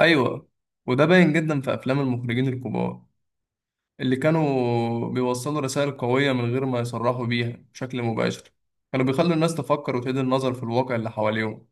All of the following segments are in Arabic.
ايوه، وده باين جدا في افلام المخرجين الكبار اللي كانوا بيوصلوا رسائل قوية من غير ما يصرحوا بيها بشكل مباشر. كانوا بيخلوا الناس تفكر وتعيد النظر في الواقع اللي حواليهم.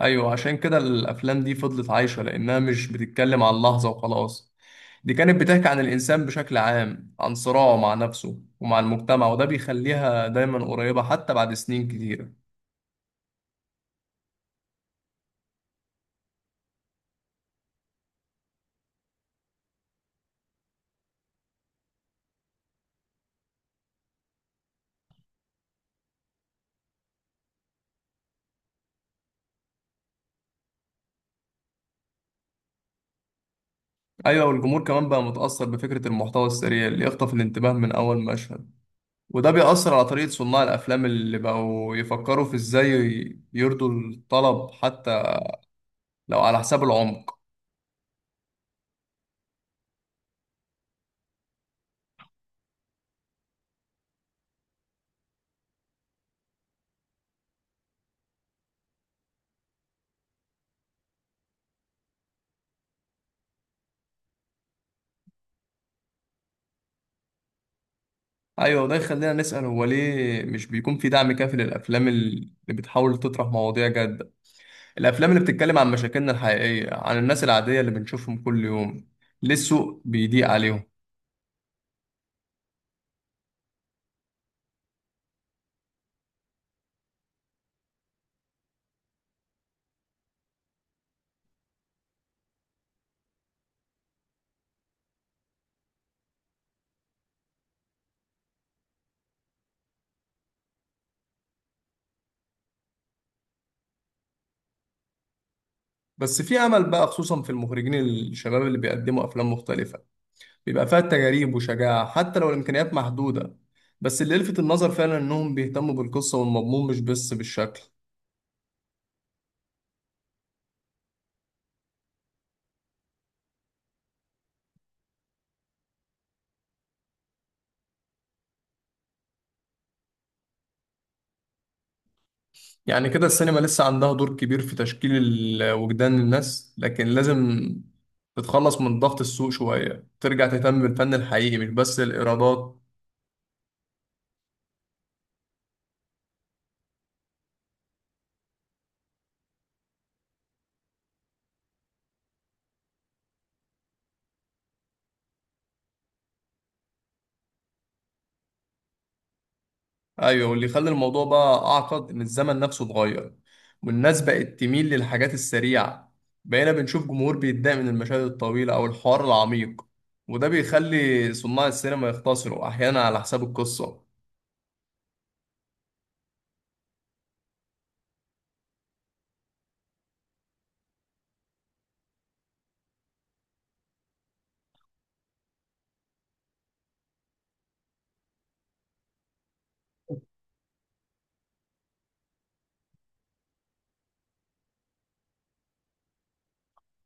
ايوه، عشان كده الافلام دي فضلت عايشة لانها مش بتتكلم عن لحظة وخلاص. دي كانت بتحكي عن الانسان بشكل عام، عن صراعه مع نفسه ومع المجتمع، وده بيخليها دايما قريبة حتى بعد سنين كتيرة. ايوه، والجمهور كمان بقى متأثر بفكرة المحتوى السريع اللي يخطف الانتباه من اول مشهد. وده بيأثر على طريقة صناع الأفلام اللي بقوا يفكروا في إزاي يرضوا الطلب حتى لو على حساب العمق. أيوة، وده يخلينا نسأل، هو ليه مش بيكون في دعم كافي للأفلام اللي بتحاول تطرح مواضيع جادة؟ الأفلام اللي بتتكلم عن مشاكلنا الحقيقية، عن الناس العادية اللي بنشوفهم كل يوم. ليه السوق بيضيق عليهم؟ بس في أمل بقى، خصوصا في المخرجين الشباب اللي بيقدموا أفلام مختلفة، بيبقى فيها تجارب وشجاعة حتى لو الإمكانيات محدودة. بس اللي لفت النظر فعلا إنهم بيهتموا بالقصة والمضمون مش بس بالشكل. يعني كده السينما لسه عندها دور كبير في تشكيل وجدان الناس، لكن لازم تتخلص من ضغط السوق شوية، ترجع تهتم بالفن الحقيقي مش بس الإيرادات. ايوه، واللي خلى الموضوع بقى اعقد ان الزمن نفسه اتغير، والناس بقت تميل للحاجات السريعه. بقينا بنشوف جمهور بيتضايق من المشاهد الطويله او الحوار العميق، وده بيخلي صناع السينما يختصروا احيانا على حساب القصه.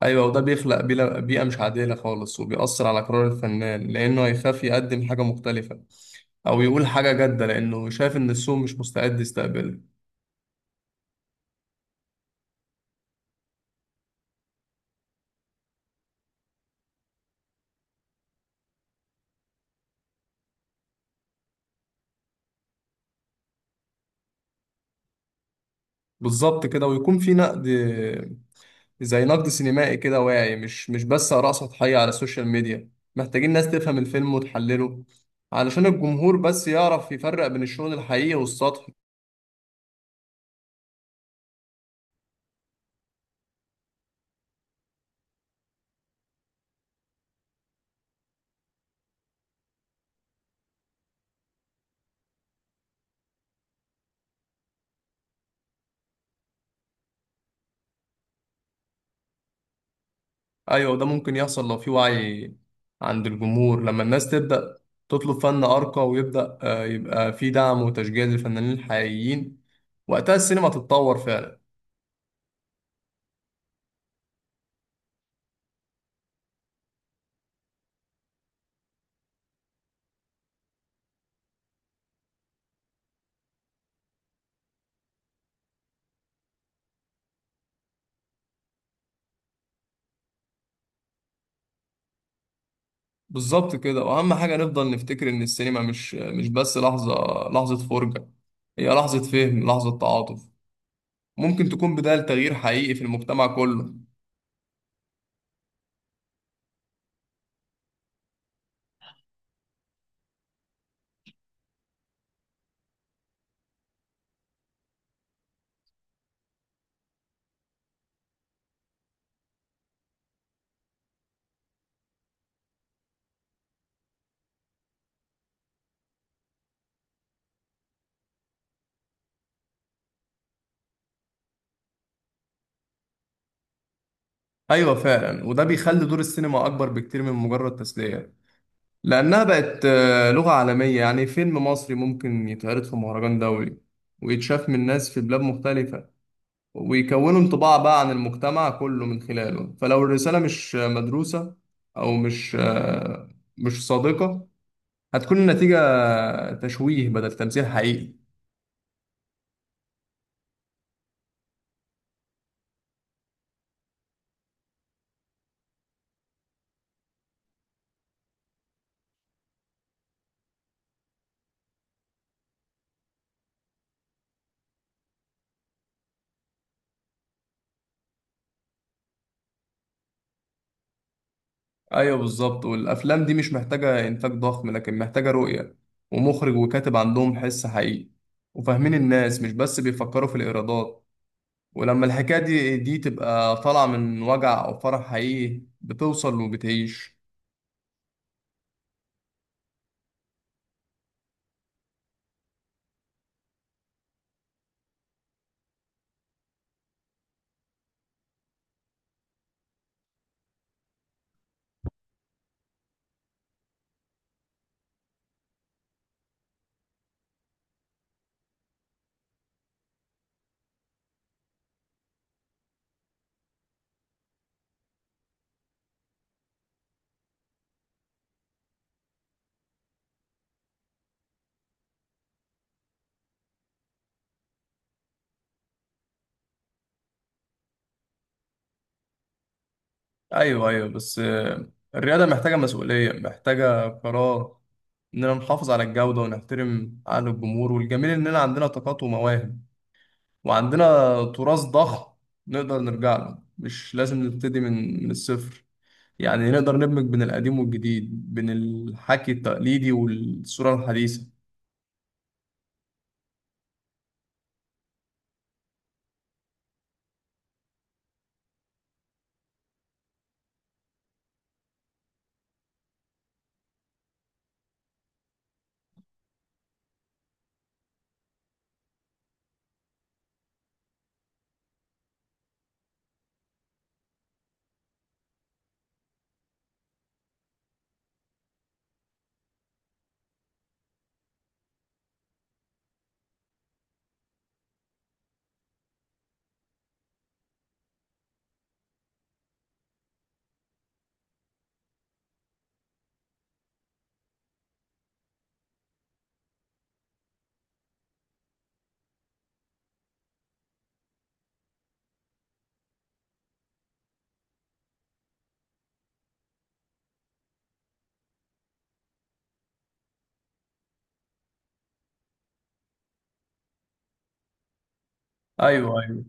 ايوه، وده بيخلق بيئه مش عادله خالص، وبيأثر على قرار الفنان لانه هيخاف يقدم حاجه مختلفه او يقول حاجه جاده لانه شايف ان السوق مش مستعد يستقبلها. بالظبط كده، ويكون في نقد، زي نقد سينمائي كده واعي، مش بس آراء سطحية على السوشيال ميديا. محتاجين ناس تفهم الفيلم وتحلله علشان الجمهور بس يعرف يفرق بين الشغل الحقيقي والسطحي. أيوة، وده ممكن يحصل لو في وعي عند الجمهور. لما الناس تبدأ تطلب فن أرقى، ويبدأ يبقى في دعم وتشجيع للفنانين الحقيقيين، وقتها السينما تتطور فعلا. بالظبط كده، وأهم حاجة نفضل نفتكر إن السينما مش بس لحظة، لحظة فرجة. هي لحظة فهم، لحظة تعاطف. ممكن تكون بداية لتغيير حقيقي في المجتمع كله. أيوة فعلا، وده بيخلي دور السينما أكبر بكتير من مجرد تسلية، لأنها بقت لغة عالمية. يعني فيلم مصري ممكن يتعرض في مهرجان دولي ويتشاف من ناس في بلاد مختلفة، ويكونوا انطباع بقى عن المجتمع كله من خلاله. فلو الرسالة مش مدروسة، أو مش صادقة، هتكون النتيجة تشويه بدل تمثيل حقيقي. ايوه بالظبط، والافلام دي مش محتاجه انتاج ضخم لكن محتاجه رؤيه، ومخرج وكاتب عندهم حس حقيقي وفاهمين الناس، مش بس بيفكروا في الايرادات. ولما الحكايه دي تبقى طالعه من وجع او فرح حقيقي بتوصل وبتعيش. ايوه، ايوه، بس الرياضه محتاجه مسؤوليه، محتاجه قرار اننا نحافظ على الجوده ونحترم عقل الجمهور. والجميل اننا عندنا طاقات ومواهب، وعندنا تراث ضخم نقدر نرجع له، مش لازم نبتدي من الصفر. يعني نقدر ندمج بين القديم والجديد، بين الحكي التقليدي والصورة الحديثة. ايوه، ايوه،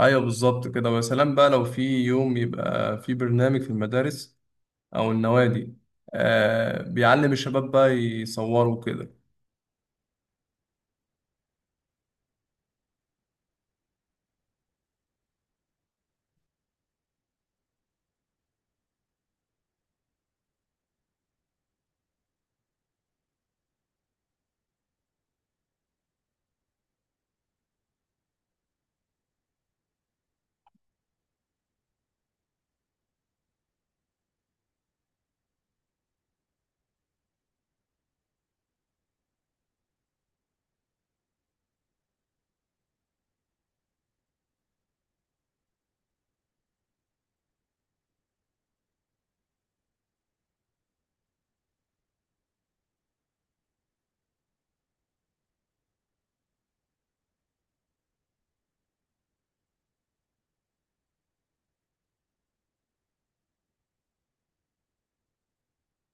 ايوه، بالظبط كده. ويا سلام بقى لو في يوم يبقى في برنامج في المدارس او النوادي بيعلم الشباب بقى يصوروا كده.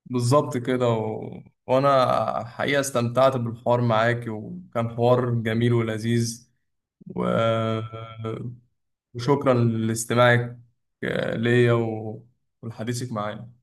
بالظبط كده، و... وانا حقيقة استمتعت بالحوار معاك، وكان حوار جميل ولذيذ. و... وشكرا لاستماعك ليا، و... ولحديثك معايا.